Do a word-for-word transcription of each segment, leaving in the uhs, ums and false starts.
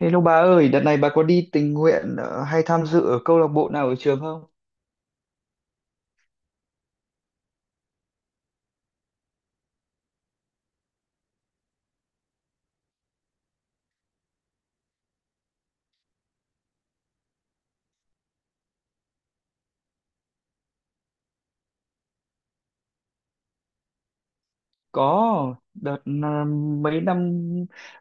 Hello bà ơi, đợt này bà có đi tình nguyện ờ, hay tham dự ở câu lạc bộ nào ở trường không? Có đợt à, mấy năm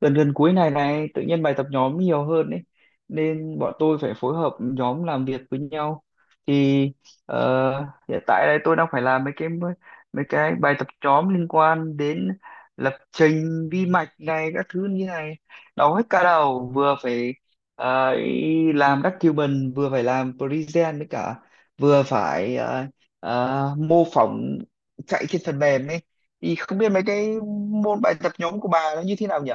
gần gần cuối này này tự nhiên bài tập nhóm nhiều hơn ấy nên bọn tôi phải phối hợp nhóm làm việc với nhau thì ờ, hiện tại đây tôi đang phải làm mấy cái mấy cái bài tập nhóm liên quan đến lập trình vi mạch này các thứ như này, đau hết cả đầu, vừa phải ờ, ý làm document, vừa phải làm present với cả vừa phải ờ, ờ, mô phỏng chạy trên phần mềm ấy, thì không biết mấy cái môn bài tập nhóm của bà nó như thế nào nhỉ.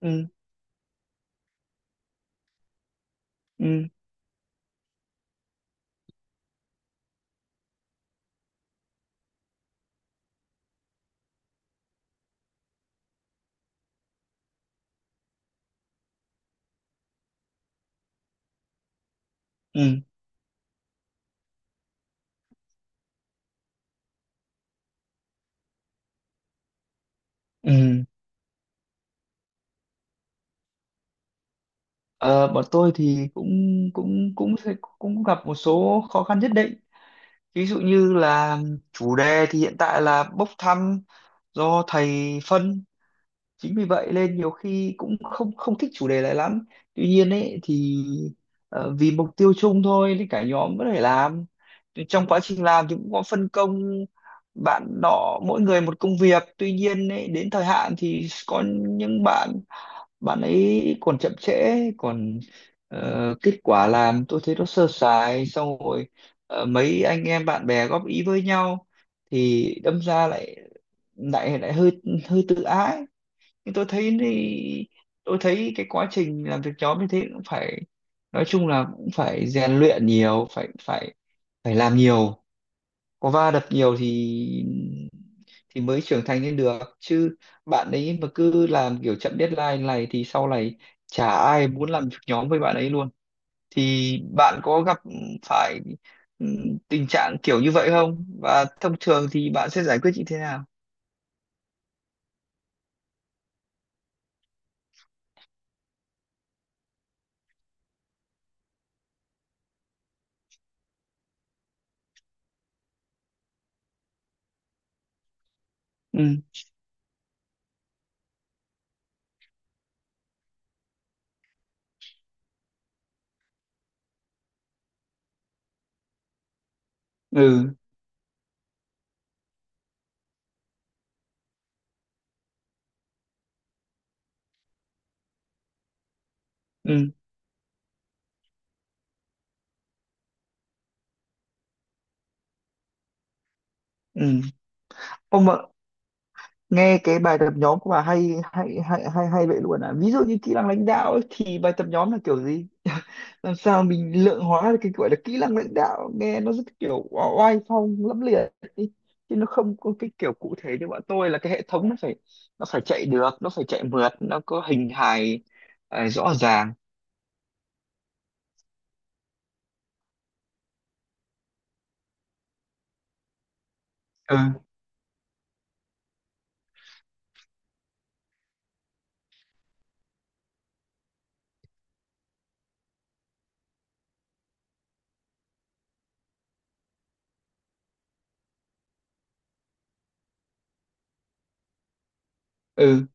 Ừ, ừ, ừ, ừ. Ờ, bọn tôi thì cũng cũng cũng sẽ- cũng gặp một số khó khăn nhất định, ví dụ như là chủ đề thì hiện tại là bốc thăm do thầy phân, chính vì vậy nên nhiều khi cũng không không thích chủ đề này lắm. Tuy nhiên ấy thì ờ, vì mục tiêu chung thôi thì cả nhóm vẫn phải làm. Thì trong quá trình làm thì cũng có phân công bạn nọ, mỗi người một công việc, tuy nhiên ấy, đến thời hạn thì có những bạn, bạn ấy còn chậm trễ, còn ờ, kết quả làm tôi thấy nó sơ sài, xong rồi ờ, mấy anh em bạn bè góp ý với nhau thì đâm ra lại lại lại hơi hơi tự ái. Nhưng tôi thấy thì tôi thấy cái quá trình làm việc nhóm như thế cũng phải, nói chung là cũng phải rèn luyện nhiều, phải phải phải làm nhiều, có va đập nhiều thì thì mới trưởng thành lên được chứ. Bạn ấy mà cứ làm kiểu chậm deadline này thì sau này chả ai muốn làm việc nhóm với bạn ấy luôn. Thì bạn có gặp phải ừ, tình trạng kiểu như vậy không, và thông thường thì bạn sẽ giải quyết như thế nào? Ừ, ừ, ừ, ừ. Không mà, nghe cái bài tập nhóm của bà hay hay hay hay hay vậy luôn à, ví dụ như kỹ năng lãnh đạo ấy, thì bài tập nhóm là kiểu gì làm sao mình lượng hóa được cái gọi là kỹ năng lãnh đạo, nghe nó rất kiểu oai phong lẫm liệt ý. Chứ nó không có cái kiểu cụ thể như bọn tôi là cái hệ thống nó phải, nó phải chạy được, nó phải chạy mượt, nó có hình hài ờ, rõ ràng. Ừ, ừ,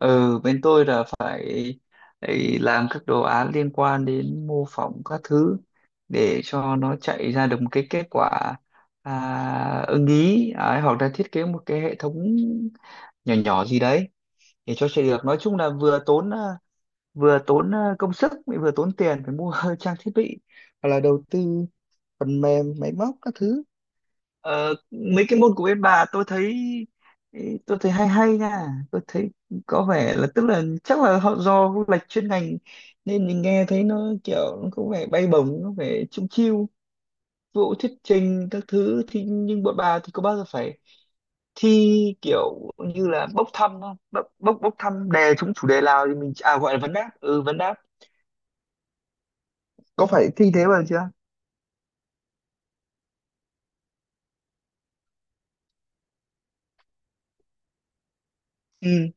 ừ. Bên tôi là phải ấy, làm các đồ án liên quan đến mô phỏng các thứ để cho nó chạy ra được một cái kết quả à, ưng ý, đấy, hoặc là thiết kế một cái hệ thống nhỏ nhỏ gì đấy để cho chạy được, nói chung là vừa tốn à, vừa tốn à, công sức, lại vừa tốn tiền phải mua trang thiết bị, hoặc là đầu tư phần mềm máy móc các thứ. Ờ, mấy cái môn của bên bà tôi thấy, tôi thấy hay hay nha. Tôi thấy có vẻ là tức là chắc là họ do lệch chuyên ngành nên mình nghe thấy nó kiểu, nó có vẻ bay bổng, nó vẻ chung chiêu vụ thuyết trình các thứ thì, nhưng bọn bà thì có bao giờ phải thi kiểu như là bốc thăm không, bốc bốc, bốc thăm đề chúng chủ đề nào thì mình à gọi là vấn đáp, ừ vấn đáp, có phải thi thế bao giờ chưa? Ừ,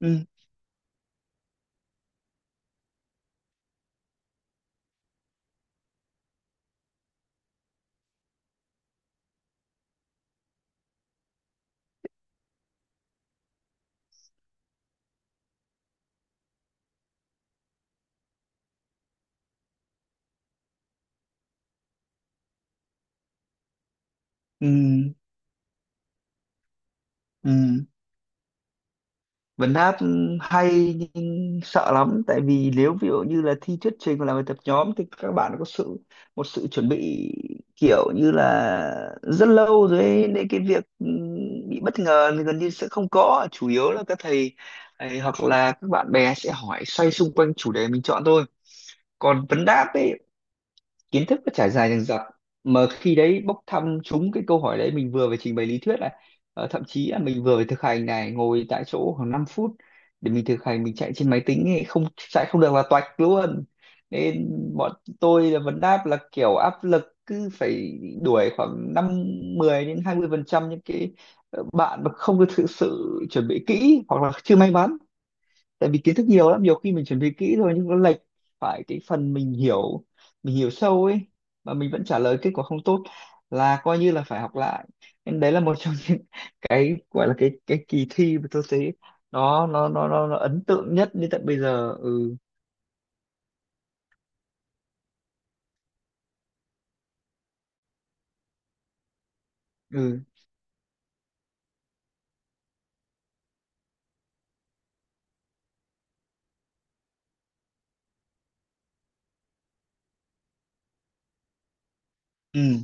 ừ, ừ, ừ. Vấn hát, hay nhưng sợ lắm, tại vì nếu ví dụ như là thi thuyết trình hoặc là bài tập nhóm thì các bạn có sự một sự chuẩn bị kiểu như là rất lâu rồi ấy, nên cái việc ừm, bị bất ngờ thì gần như sẽ không có, chủ yếu là các thầy ấy, hoặc là các bạn bè sẽ hỏi xoay xung quanh chủ đề mình chọn thôi. Còn vấn đáp ấy, kiến thức nó trải dài dằng dặc, mà khi đấy bốc thăm trúng cái câu hỏi đấy mình vừa phải trình bày lý thuyết này, ờ, thậm chí là mình vừa phải thực hành này, ngồi tại chỗ khoảng năm phút để mình thực hành, mình chạy trên máy tính ấy, không chạy không được là toạch luôn. Nên bọn tôi là vấn đáp là kiểu áp lực, cứ phải đuổi khoảng năm mười đến hai mươi phần trăm những cái ờ, bạn mà không được thực sự chuẩn bị kỹ hoặc là chưa may mắn. Tại vì kiến thức nhiều lắm, nhiều khi mình chuẩn bị kỹ rồi nhưng nó lệch phải cái phần mình hiểu mình hiểu sâu ấy, mà mình vẫn trả lời kết quả không tốt là coi như là phải học lại. Nên đấy là một trong những cái gọi là cái cái kỳ thi mà tôi thấy nó nó nó nó, nó ấn tượng nhất đến tận bây giờ. Ừ, ừ, ừ.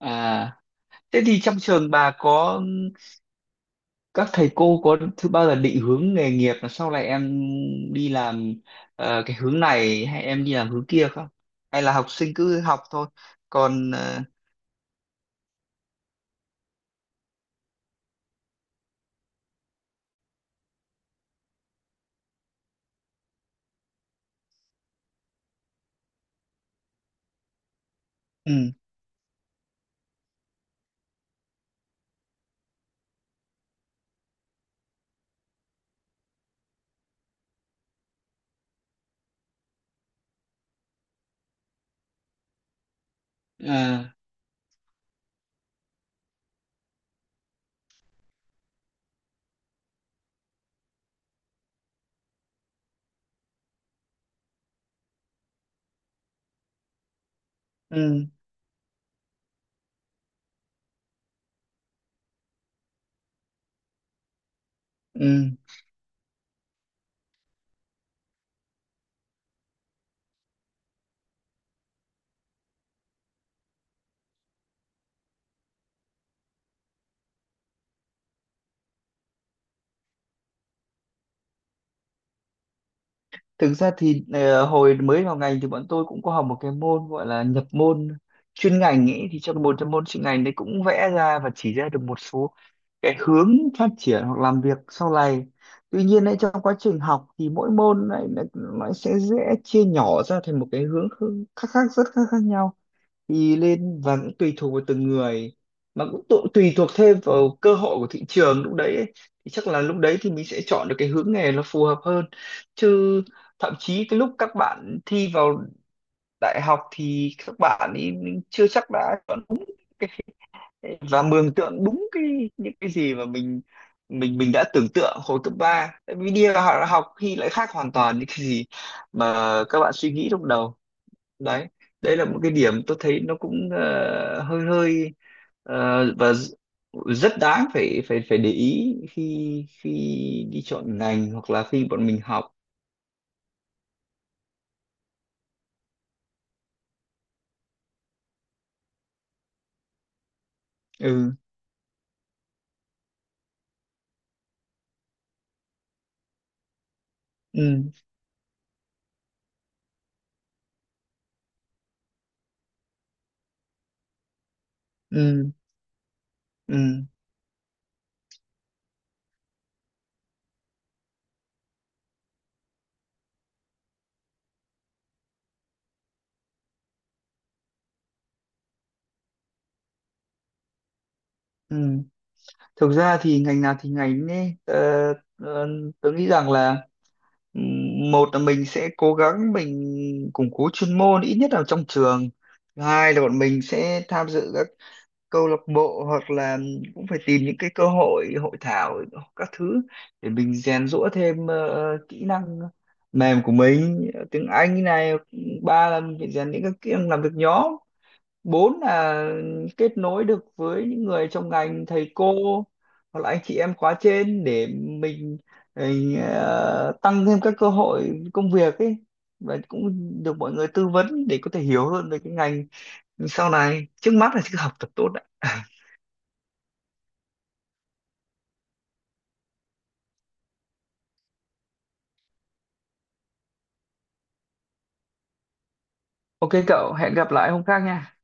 À, thế thì trong trường bà, có các thầy cô có thứ bao giờ định hướng nghề nghiệp là sau này em đi làm ờ, cái hướng này, hay em đi làm hướng kia không, hay là học sinh cứ học thôi? Còn ờ, ừ, ờ, ừ, ừ. Thực ra thì ờ, hồi mới vào ngành thì bọn tôi cũng có học một cái môn gọi là nhập môn chuyên ngành ấy, thì trong một trong môn chuyên ngành đấy cũng vẽ ra và chỉ ra được một số cái hướng phát triển hoặc làm việc sau này. Tuy nhiên ấy, trong quá trình học thì mỗi môn này nó nó sẽ dễ chia nhỏ ra thành một cái hướng khác khác rất khác khác nhau thì lên, và cũng tùy thuộc vào từng người, mà cũng tụ- tùy thuộc thêm vào cơ hội của thị trường lúc đấy ấy. Thì chắc là lúc đấy thì mình sẽ chọn được cái hướng nghề nó phù hợp hơn, chứ thậm chí cái lúc các bạn thi vào đại học thì các bạn ấy chưa chắc đã chọn và mường tượng đúng cái những cái gì mà mình mình mình đã tưởng tượng hồi cấp ba, tại vì đi vào học, học khi lại khác hoàn toàn những cái gì mà các bạn suy nghĩ lúc đầu đấy. Đấy là một cái điểm tôi thấy nó cũng ờ, hơi hơi ờ, và d- rất đáng phải phải phải để ý khi khi đi chọn ngành hoặc là khi bọn mình học. Ừ, ừ, ừ, ừ, ừ. Thực ra thì ngành nào thì ngành ấy, ờ, ờ, tôi nghĩ rằng là, ừm, một là mình sẽ cố gắng mình củng cố chuyên môn ít nhất là trong trường. Thứ hai là bọn mình sẽ tham dự các câu lạc bộ, hoặc là cũng phải tìm những cái cơ hội hội thảo các thứ để mình rèn giũa thêm ờ, kỹ năng mềm của mình, tiếng Anh này. Ba là mình phải rèn những cái kỹ năng làm việc nhóm. Bốn là kết nối được với những người trong ngành, thầy cô hoặc là anh chị em khóa trên để mình, mình ờ, tăng thêm các cơ hội công việc ấy, và cũng được mọi người tư vấn để có thể hiểu hơn về cái ngành sau này. Trước mắt là cứ học tập tốt đã. Ok cậu, hẹn gặp lại hôm khác nha.